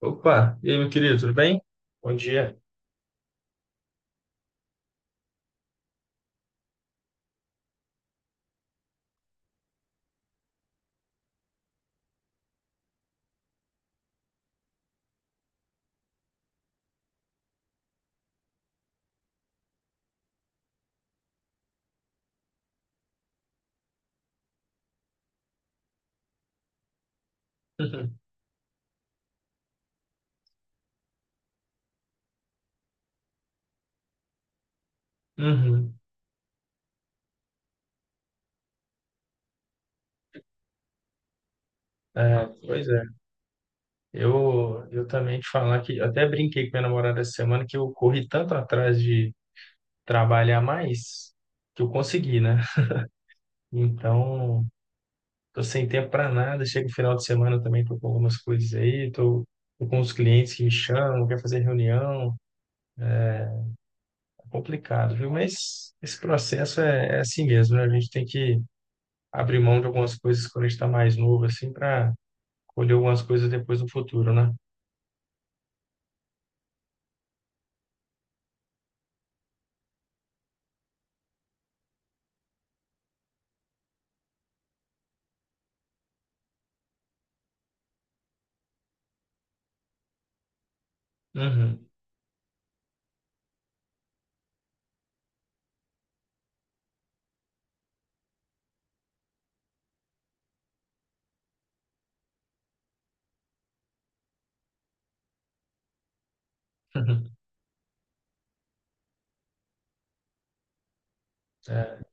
Opa, e aí, meu querido, tudo bem? Bom dia. Uhum. Uhum. É, pois é, eu também te falar que eu até brinquei com minha namorada essa semana que eu corri tanto atrás de trabalhar mais que eu consegui, né? Então, tô sem tempo para nada. Chega o final de semana também, tô com algumas coisas aí, tô com os clientes que me chamam, quer fazer reunião, é complicado, viu? Mas esse processo é assim mesmo, né? A gente tem que abrir mão de algumas coisas quando a gente tá mais novo, assim, para colher algumas coisas depois no futuro, né? Uhum. É.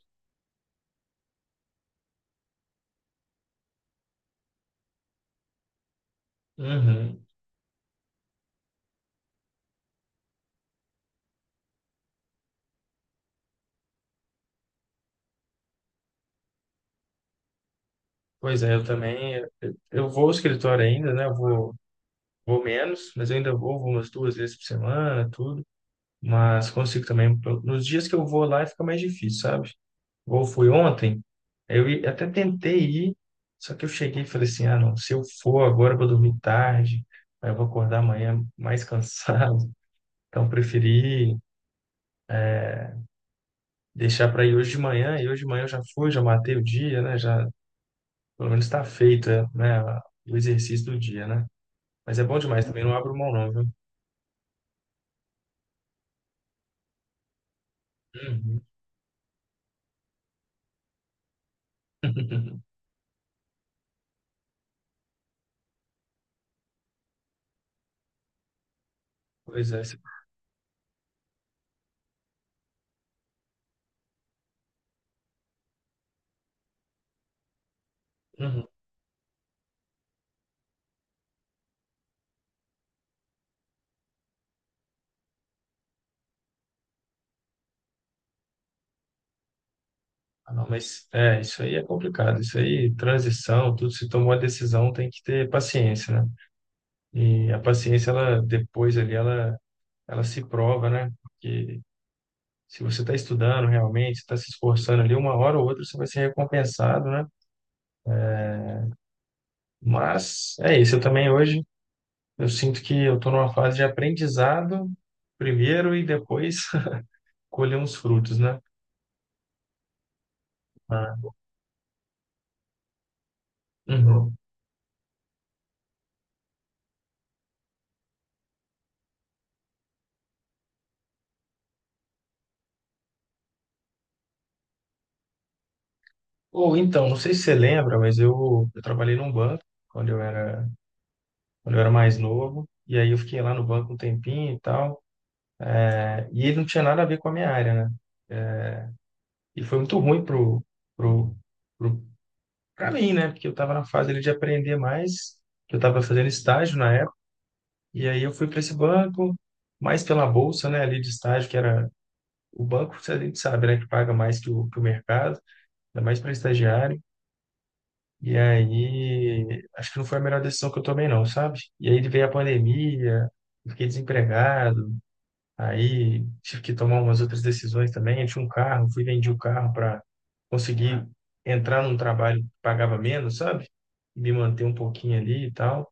Uhum. Pois é, eu também. Eu vou ao escritório ainda, né? Eu vou menos, mas eu ainda vou umas duas vezes por semana, tudo. Mas consigo também. Nos dias que eu vou lá, fica mais difícil, sabe? Ou fui ontem, eu até tentei ir, só que eu cheguei e falei assim: ah, não, se eu for agora, eu vou dormir tarde, aí eu vou acordar amanhã mais cansado. Então, preferi deixar para ir hoje de manhã, e hoje de manhã eu já fui, já matei o dia, né? Já, pelo menos está feita, né? O exercício do dia, né? Mas é bom demais também, não abro mão não, viu? Uhum. Pois é. Uhum. Ah, não, mas é, isso aí é complicado. Isso aí, transição, tudo, se tomou a decisão, tem que ter paciência, né? E a paciência, ela depois ali, ela se prova, né? Porque se você está estudando realmente, está se esforçando ali, uma hora ou outra você vai ser recompensado, né? Mas é isso. Eu também hoje eu sinto que eu estou numa fase de aprendizado primeiro e depois colher uns frutos, né? Ah, uhum. Ou então, não sei se você lembra, mas eu trabalhei num banco quando eu era, quando eu era mais novo. E aí eu fiquei lá no banco um tempinho e tal. E ele não tinha nada a ver com a minha área, né? E foi muito ruim pro, pro, pra mim, né? Porque eu estava na fase ali de aprender mais. Que Eu estava fazendo estágio na época. E aí eu fui para esse banco, mais pela bolsa, né? Ali de estágio, que era. O banco, a gente sabe, né, que paga mais que o mercado, ainda mais para estagiário. E aí, acho que não foi a melhor decisão que eu tomei, não, sabe? E aí veio a pandemia, eu fiquei desempregado, aí tive que tomar umas outras decisões também. Eu tinha um carro, fui vendi o carro para conseguir entrar num trabalho que pagava menos, sabe? E me manter um pouquinho ali e tal.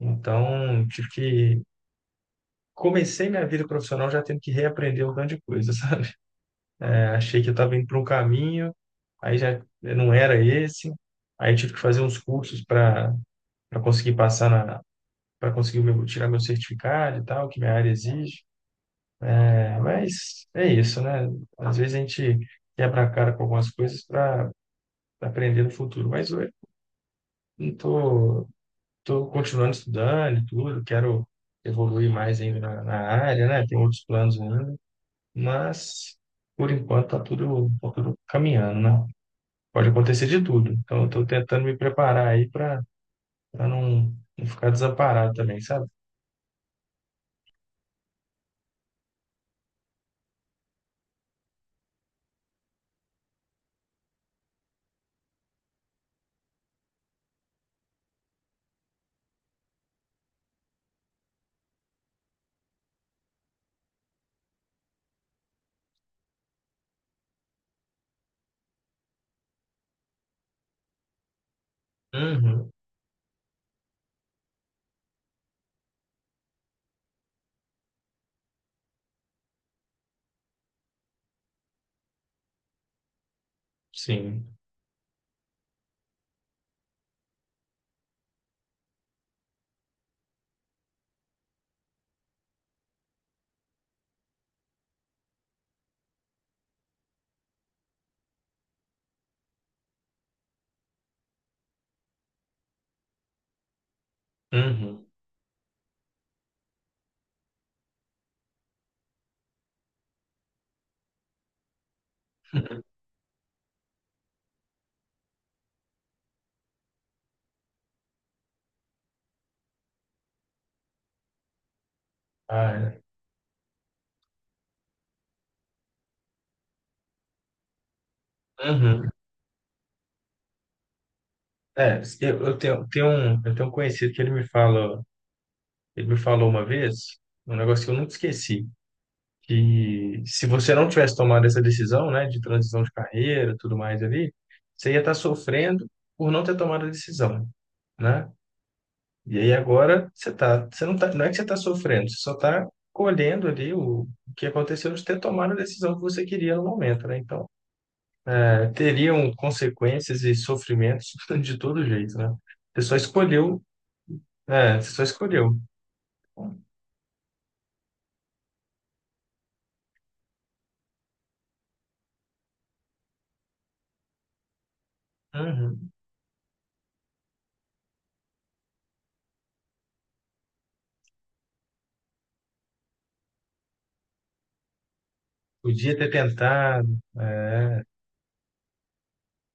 Então, tive que. Comecei minha vida profissional já tendo que reaprender um tanto de coisa, sabe? Achei que eu estava indo para um caminho, aí já não era esse. Aí eu tive que fazer uns cursos para conseguir passar na para conseguir o meu, tirar meu certificado e tal, que minha área exige. É, mas é isso, né? Às vezes a gente quebra a cara com algumas coisas para aprender no futuro. Mas eu não tô, tô continuando estudando e tudo, quero evoluir mais ainda na, na área, né? Tem outros planos ainda, mas por enquanto tá tudo caminhando, né? Pode acontecer de tudo. Então, eu estou tentando me preparar aí para não, não ficar desamparado também, sabe? Uhum. Sim. Uhum. Ah, é. Uhum. É, eu tenho um conhecido que ele me fala, ele me falou uma vez, um negócio que eu nunca esqueci, que se você não tivesse tomado essa decisão, né, de transição de carreira, tudo mais ali, você ia estar sofrendo por não ter tomado a decisão, né? E aí agora você não tá, não é que você está sofrendo, você só está colhendo ali o que aconteceu de ter tomado a decisão que você queria no momento, né? Então, teriam consequências e sofrimentos de todo jeito, né? Você só escolheu, é, você só escolheu. Uhum. Podia ter tentado, é.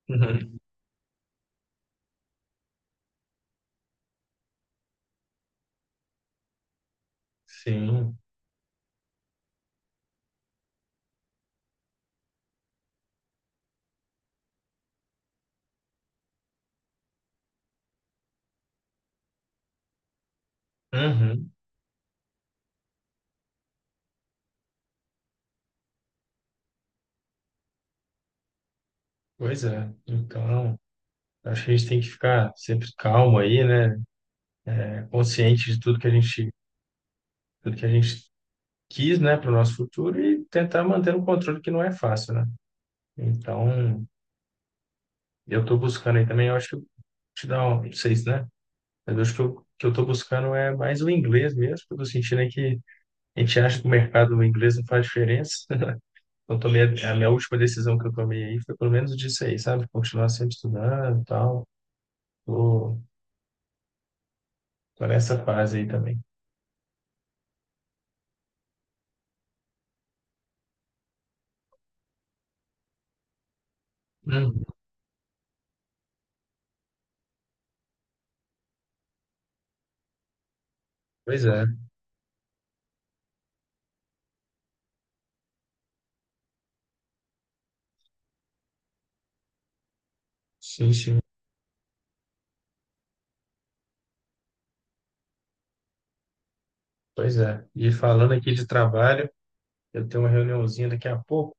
Uhum. Sim. Uhum. Pois é. Então, acho que a gente tem que ficar sempre calmo aí, né? Consciente de tudo que a gente quis, né, para o nosso futuro e tentar manter um controle que não é fácil, né? Então, eu estou buscando aí também, eu acho que eu te dá um, não sei se, né? Mas eu acho que eu estou buscando é mais o inglês mesmo, porque eu tô sentindo aí que a gente acha que o mercado do inglês não faz diferença. Então, tomei a minha última decisão que eu tomei aí foi pelo menos disso aí, sabe? Continuar sempre estudando e tal. Tô, tô nessa fase aí também. Hum, pois é, sim, sim, pois é. E falando aqui de trabalho, eu tenho uma reuniãozinha daqui a pouco.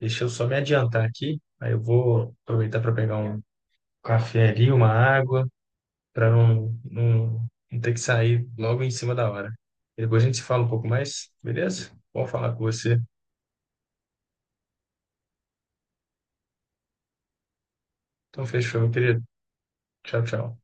Deixa eu só me adiantar aqui. Aí eu vou aproveitar para pegar um café ali, uma água, para não ter que sair logo em cima da hora. E depois a gente se fala um pouco mais, beleza? Bom falar com você. Então, fechou, meu querido. Tchau, tchau.